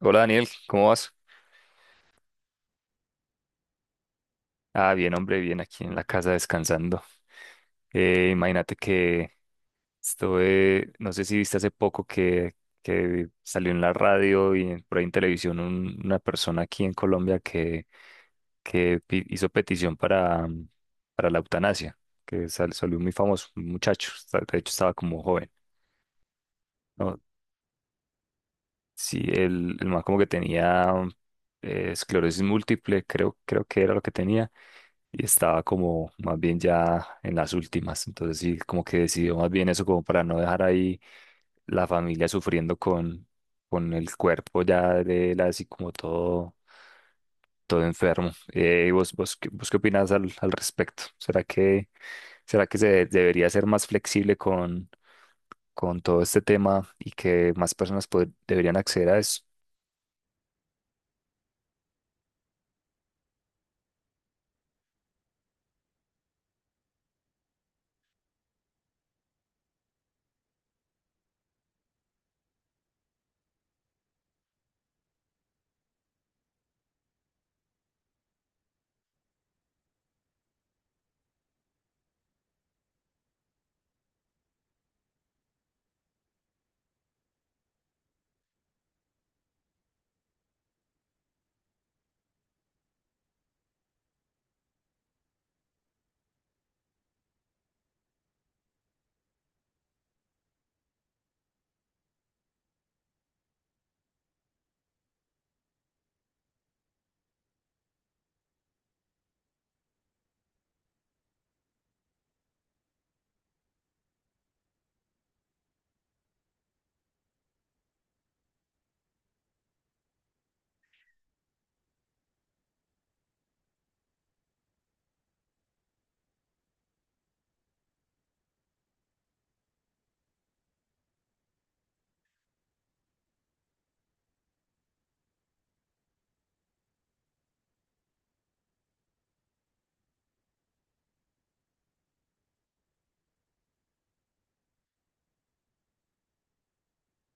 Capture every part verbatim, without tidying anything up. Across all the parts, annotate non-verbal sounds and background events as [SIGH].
Hola, Daniel, ¿cómo vas? Ah, bien, hombre, bien aquí en la casa descansando. Eh, imagínate que estuve, no sé si viste hace poco que, que salió en la radio y en- por ahí en televisión un- una persona aquí en Colombia que, que pi- hizo petición para, mm, para la eutanasia, que sal- salió muy famoso, un muchacho, está- de hecho estaba como joven. ¿No? Sí, el, el man como que tenía eh, esclerosis múltiple, creo, creo que era lo que tenía, y estaba como más bien ya en las últimas. Entonces sí, como que decidió más bien eso como para no dejar ahí la familia sufriendo con, con el cuerpo ya de él, así como todo todo enfermo. Eh, ¿y ¿vos, vos, qué- vos qué opinás al, al respecto? ¿Será que, ¿será que se de- debería ser más flexible con, con todo este tema y que más personas pod- deberían acceder a eso?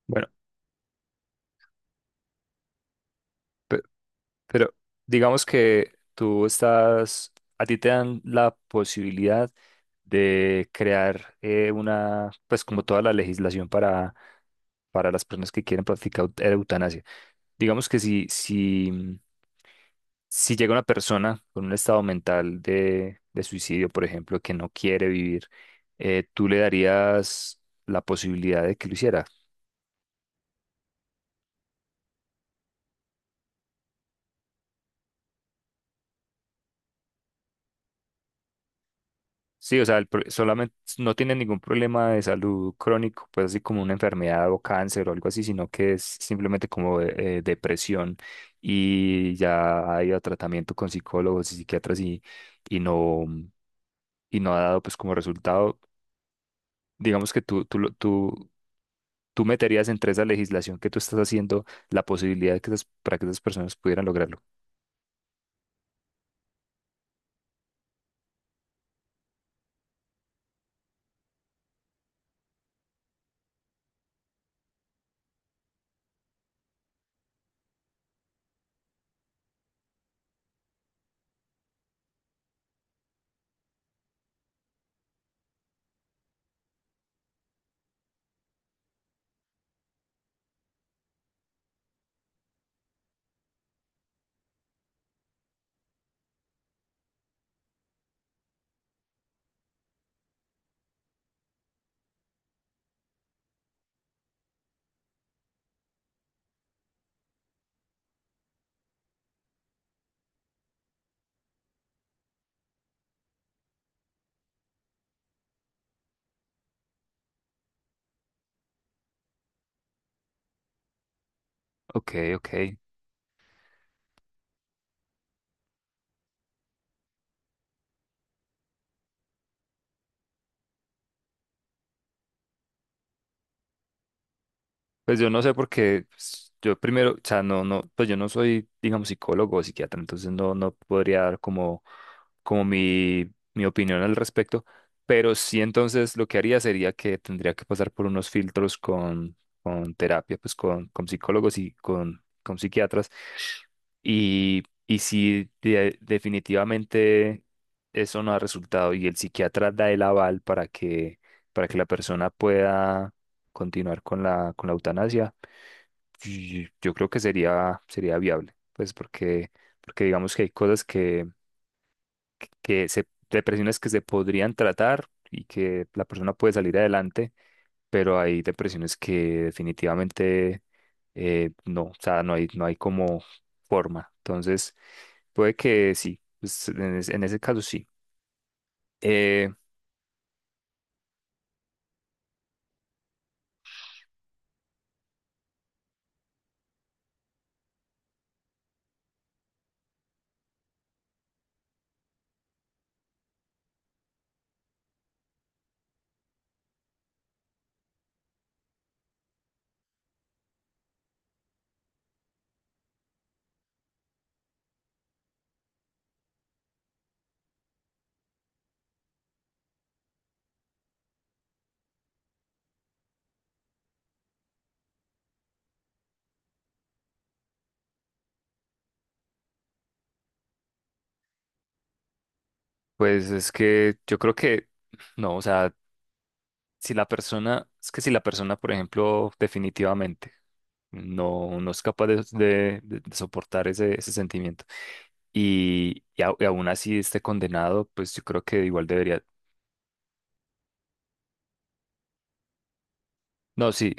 Bueno, pe- pero digamos que tú estás, a ti te dan la posibilidad de crear eh, una, pues como toda la legislación para, para las personas que quieren practicar eut- eutanasia. Digamos que si, si Si llega una persona con un estado mental de, de suicidio, por ejemplo, que no quiere vivir, eh, ¿tú le darías la posibilidad de que lo hiciera? Sí, o sea, el pro- solamente no tiene ningún problema de salud crónico, pues así como una enfermedad o cáncer o algo así, sino que es simplemente como eh, depresión y ya ha ido a tratamiento con psicólogos y psiquiatras y, y no, y no ha dado pues como resultado. Digamos que tú, tú, lo- tú ¿Tú meterías entre esa legislación que tú estás haciendo la posibilidad de que esas- para que esas personas pudieran lograrlo? Ok, ok. Pues yo no sé porque pues, yo primero, o sea, no, no, pues yo no soy, digamos, psicólogo o psiquiatra, entonces no, no podría dar como, como mi, mi opinión al respecto, pero sí, entonces lo que haría sería que tendría que pasar por unos filtros con, con terapia, pues con, con psicólogos y con, con psiquiatras, y, y si de- definitivamente eso no ha resultado y el psiquiatra da el aval para que, para que la persona pueda continuar con la, con la eutanasia, y yo creo que sería, sería viable, pues porque, porque digamos que hay cosas que, que se, depresiones que se podrían tratar y que la persona puede salir adelante, pero hay depresiones que definitivamente eh, no, o sea, no hay, no hay como forma. Entonces, puede que sí, pues, en, es- en ese caso sí. Eh, pues es que yo creo que no, o sea... si la persona, es que si la persona, por ejemplo, definitivamente no, no es capaz de, de- de- de soportar ese, ese sentimiento y, y au- y aún así esté condenado, pues yo creo que igual debería, no, sí,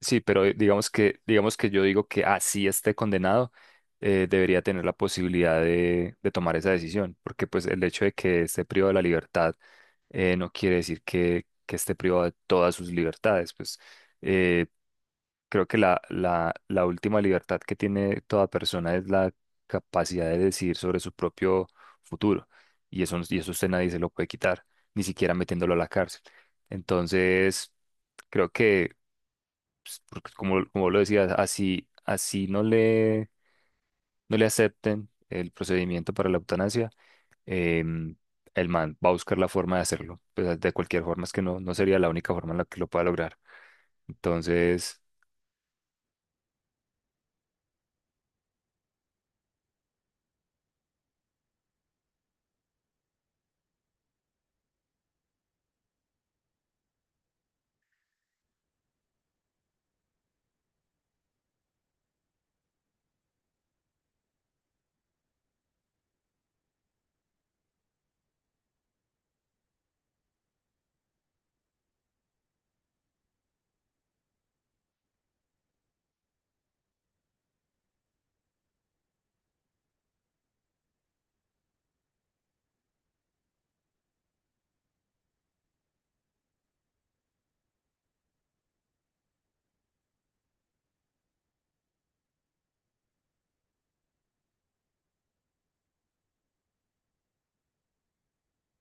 sí, pero eh, digamos que, digamos que yo digo que así esté condenado, eh, debería tener la posibilidad de, de tomar esa decisión, porque pues el hecho de que esté privado de la libertad eh, no quiere decir que, que esté privado de todas sus libertades, pues eh, creo que la, la, la última libertad que tiene toda persona es la capacidad de decidir sobre su propio futuro. Y eso, y eso usted nadie se lo puede quitar, ni siquiera metiéndolo a la cárcel. Entonces, creo que, pues, porque como, como lo decías así, así no le, no le acepten el procedimiento para la eutanasia, em, el man va a buscar la forma de hacerlo. Pues, de cualquier forma, es que no, no sería la única forma en la que lo pueda lograr. Entonces...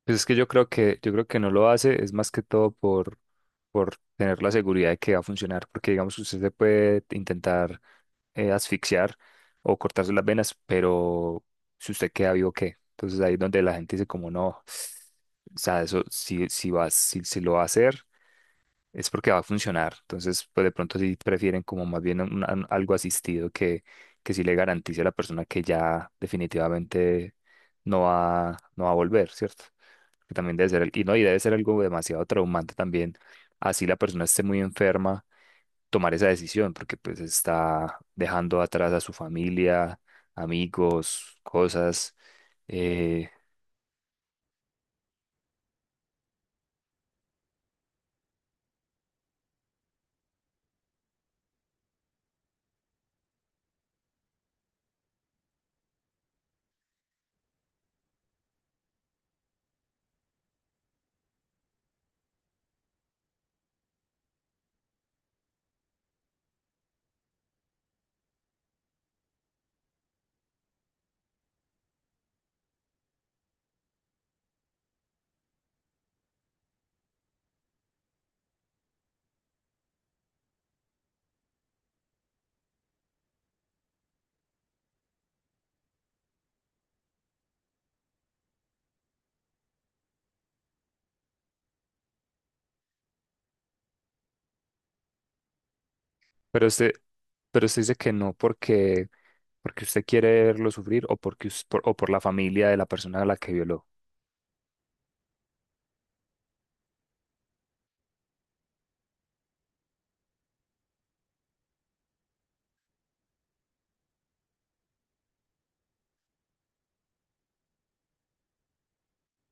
Pues es que yo creo que, yo creo que no lo hace, es más que todo por, por tener la seguridad de que va a funcionar, porque digamos que usted se puede intentar eh, asfixiar o cortarse las venas, pero si usted queda vivo, ¿qué? Entonces ahí es donde la gente dice como no, o sea, eso si, si va, si, si lo va a hacer, es porque va a funcionar. Entonces, pues de pronto sí prefieren como más bien un- un- algo asistido que, que sí le garantice a la persona que ya definitivamente no va, no va a volver, ¿cierto? Que también debe ser, al- y no, y debe ser algo demasiado traumante también, así la persona esté muy enferma, tomar esa decisión, porque pues está dejando atrás a su familia, amigos, cosas, eh, pero usted, pero usted dice que no porque, porque usted quiere verlo sufrir o porque, us- por, o por la familia de la persona a la que violó.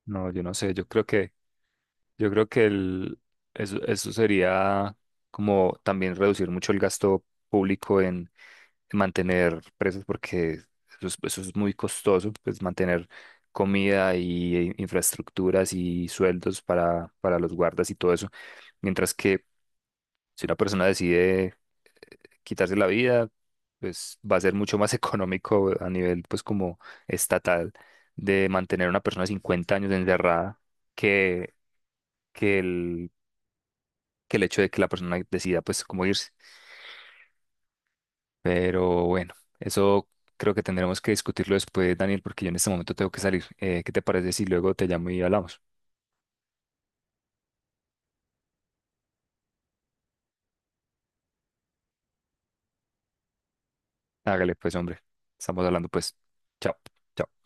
No, yo no sé, yo creo que yo creo que el, eso, eso sería como también reducir mucho el gasto público en mantener presos porque eso es, eso es muy costoso, pues mantener comida y infraestructuras y sueldos para, para los guardas y todo eso. Mientras que si una persona decide quitarse la vida, pues va a ser mucho más [LAUGHS] económico a nivel pues como estatal de mantener a una persona cincuenta años encerrada que, que el que el hecho de que la persona decida pues cómo irse. Pero bueno, eso creo que tendremos que discutirlo después, Daniel, porque yo en este momento tengo que salir. Eh, ¿qué te parece si luego te llamo y hablamos? Hágale, pues, hombre. Estamos hablando, pues. Chao, chao.